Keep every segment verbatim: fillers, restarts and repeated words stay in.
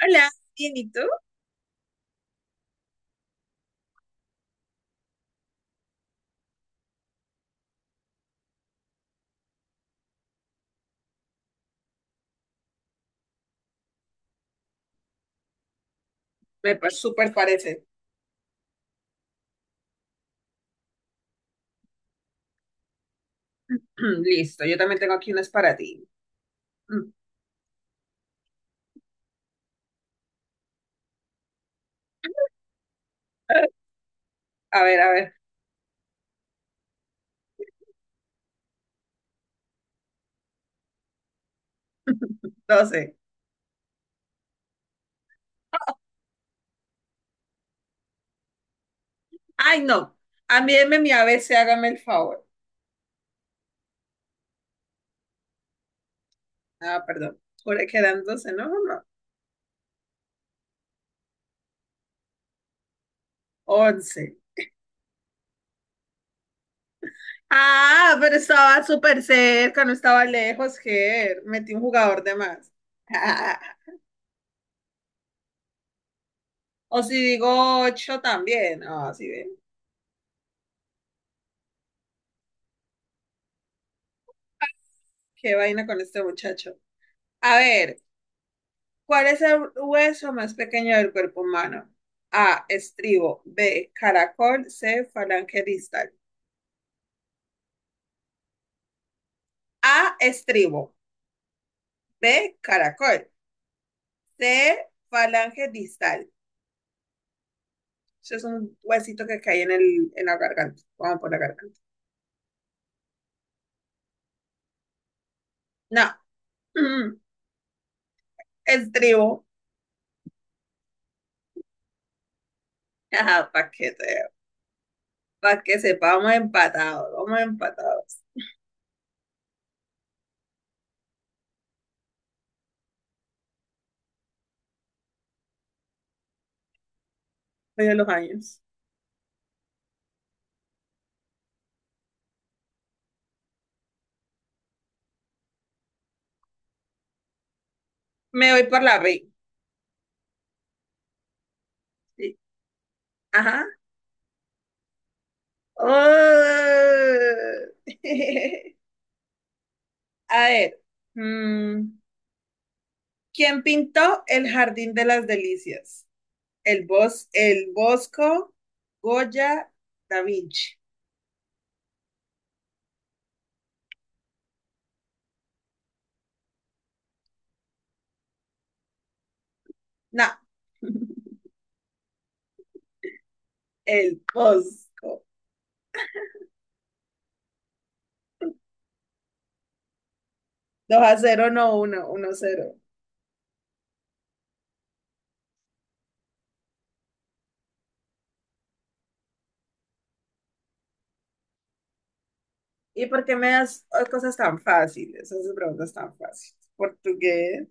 Hola, bien, ¿y tú? Me pa- súper parece. Listo, yo también tengo aquí unas para ti. Mm. A ver, a ver, doce. Ay, no. Envíeme mi A B C, hágame el favor. Ah, perdón. Juré que eran doce, no, no, no. once. Ah, pero estaba súper cerca, no estaba lejos, Ger. Metí un jugador de más. O si digo ocho también. Ah, sí, ven. Qué vaina con este muchacho. A ver, ¿cuál es el hueso más pequeño del cuerpo humano? A, estribo. B, caracol. C, falange distal. A, estribo. B, caracol. C, falange distal. Eso es un huesito que cae en, el, en la garganta. Vamos por la garganta. No. Mm, Estribo. Ajá, para que, te- pa' que sepa, vamos empatados. Vamos empatados. Voy a los años. Me voy por la B. Sí. Ajá. Oh. A ver, mm, ¿quién pintó el Jardín de las Delicias? El bos, el Bosco, Goya, Da Vinci. No, el Bosco. Dos a cero, no uno, uno a cero. ¿Y por qué me das cosas tan fáciles? Esas preguntas tan fáciles. ¿Portugués?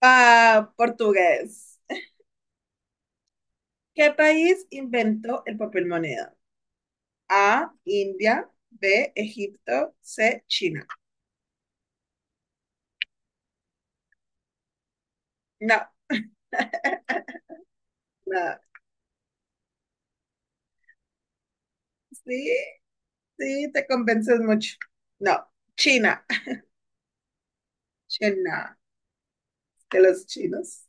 Ah, portugués. ¿Qué país inventó el papel moneda? A, India, B, Egipto, C, China. No, nada. Sí. Sí, te convences mucho. No, China. China, de los chinos.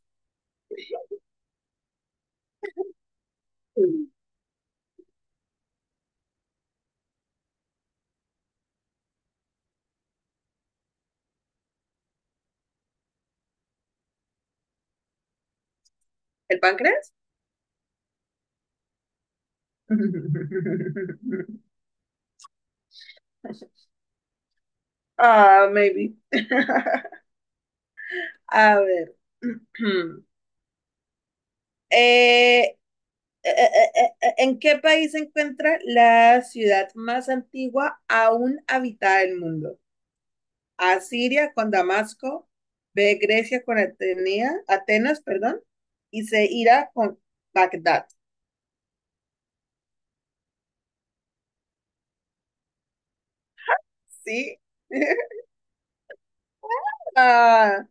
¿El páncreas? Ah, maybe. A ver. Eh, eh, eh, eh, eh, ¿en qué país se encuentra la ciudad más antigua aún habitada del mundo? A, Siria con Damasco, B, Grecia con Atenea, Atenas, perdón, y C, Ira con Bagdad. ¿Sí? Ah.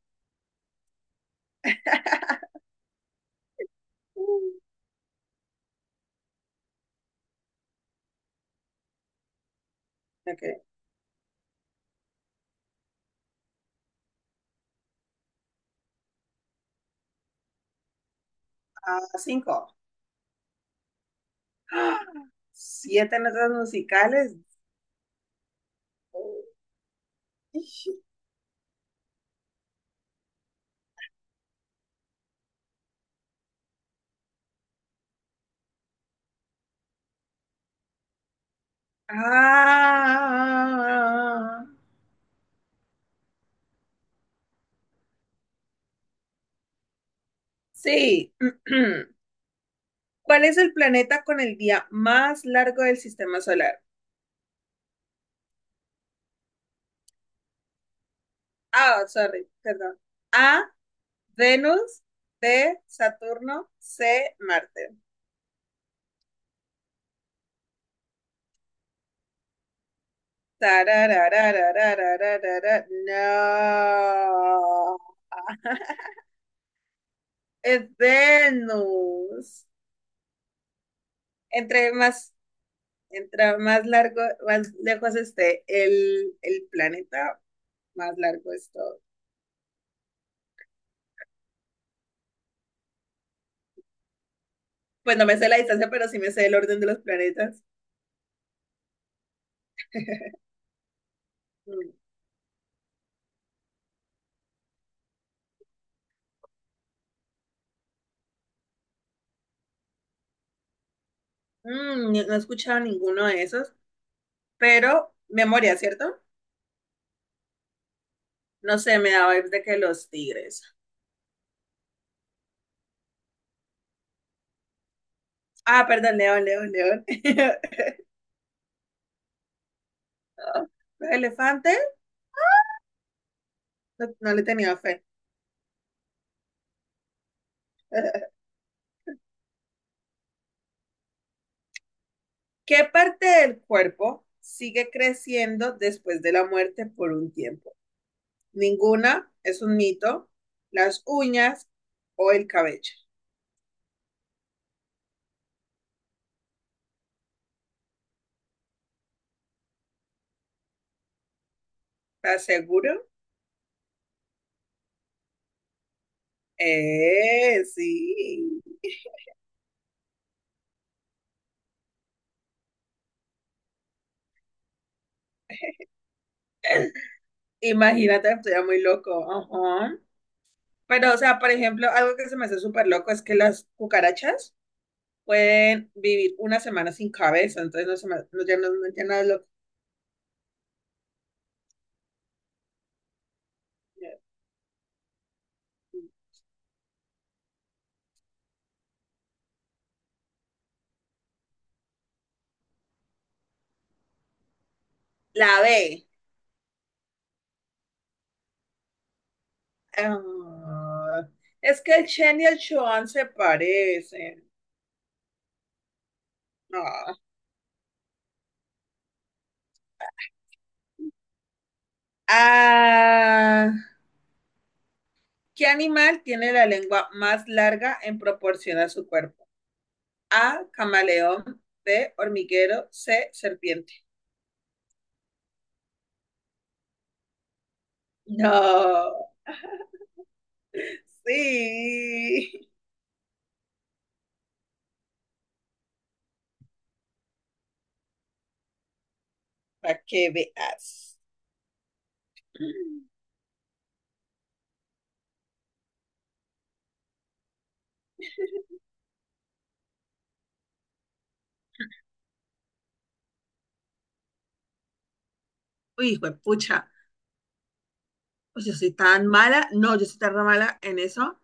Ok. Ah, cinco. ¡Ah! Siete notas musicales. Ah, sí. ¿Cuál es el planeta con el día más largo del sistema solar? Ah, sorry, perdón. A, Venus, B, Saturno, C, Marte. Tarararararararara. No. Es Venus. Entre más Entra más largo, más lejos esté el, el planeta, más largo es todo. Pues no me sé la distancia, pero sí me sé el orden de los planetas. Mm, mm, ni- no he escuchado ninguno de esos, pero memoria, ¿cierto? No sé, me da vibes de que los tigres. Ah, perdón, león, león, león. Los elefantes, no, no le tenía fe. ¿Qué parte del cuerpo sigue creciendo después de la muerte por un tiempo? Ninguna es un mito. Las uñas o el cabello. ¿Estás seguro? Eh, sí. Imagínate, estoy muy loco. Ajá. Pero, o sea, por ejemplo, algo que se me hace súper loco es que las cucarachas pueden vivir una semana sin cabeza, entonces no se me, no, ya no, no- ya no es loco. La B. Ah, es que el Chen y el Chuan se parecen. No. Ah, ¿qué animal tiene la lengua más larga en proporción a su cuerpo? A, camaleón, B, hormiguero, C, serpiente. No, sí, para que veas. Uy, hijo de pucha, pues yo soy tan mala, no, yo soy tan mala en eso.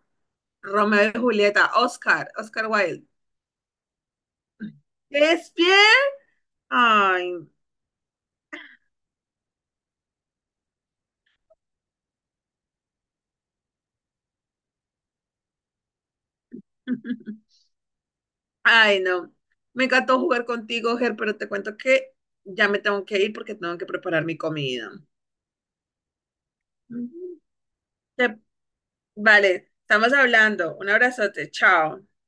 Romeo y Julieta, Oscar, Oscar Wilde. Es ¿Shakespeare? Ay. Ay, no. Me encantó jugar contigo, Ger, pero te cuento que ya me tengo que ir porque tengo que preparar mi comida. Ujú. Te- Vale, estamos hablando. Un abrazote, chao.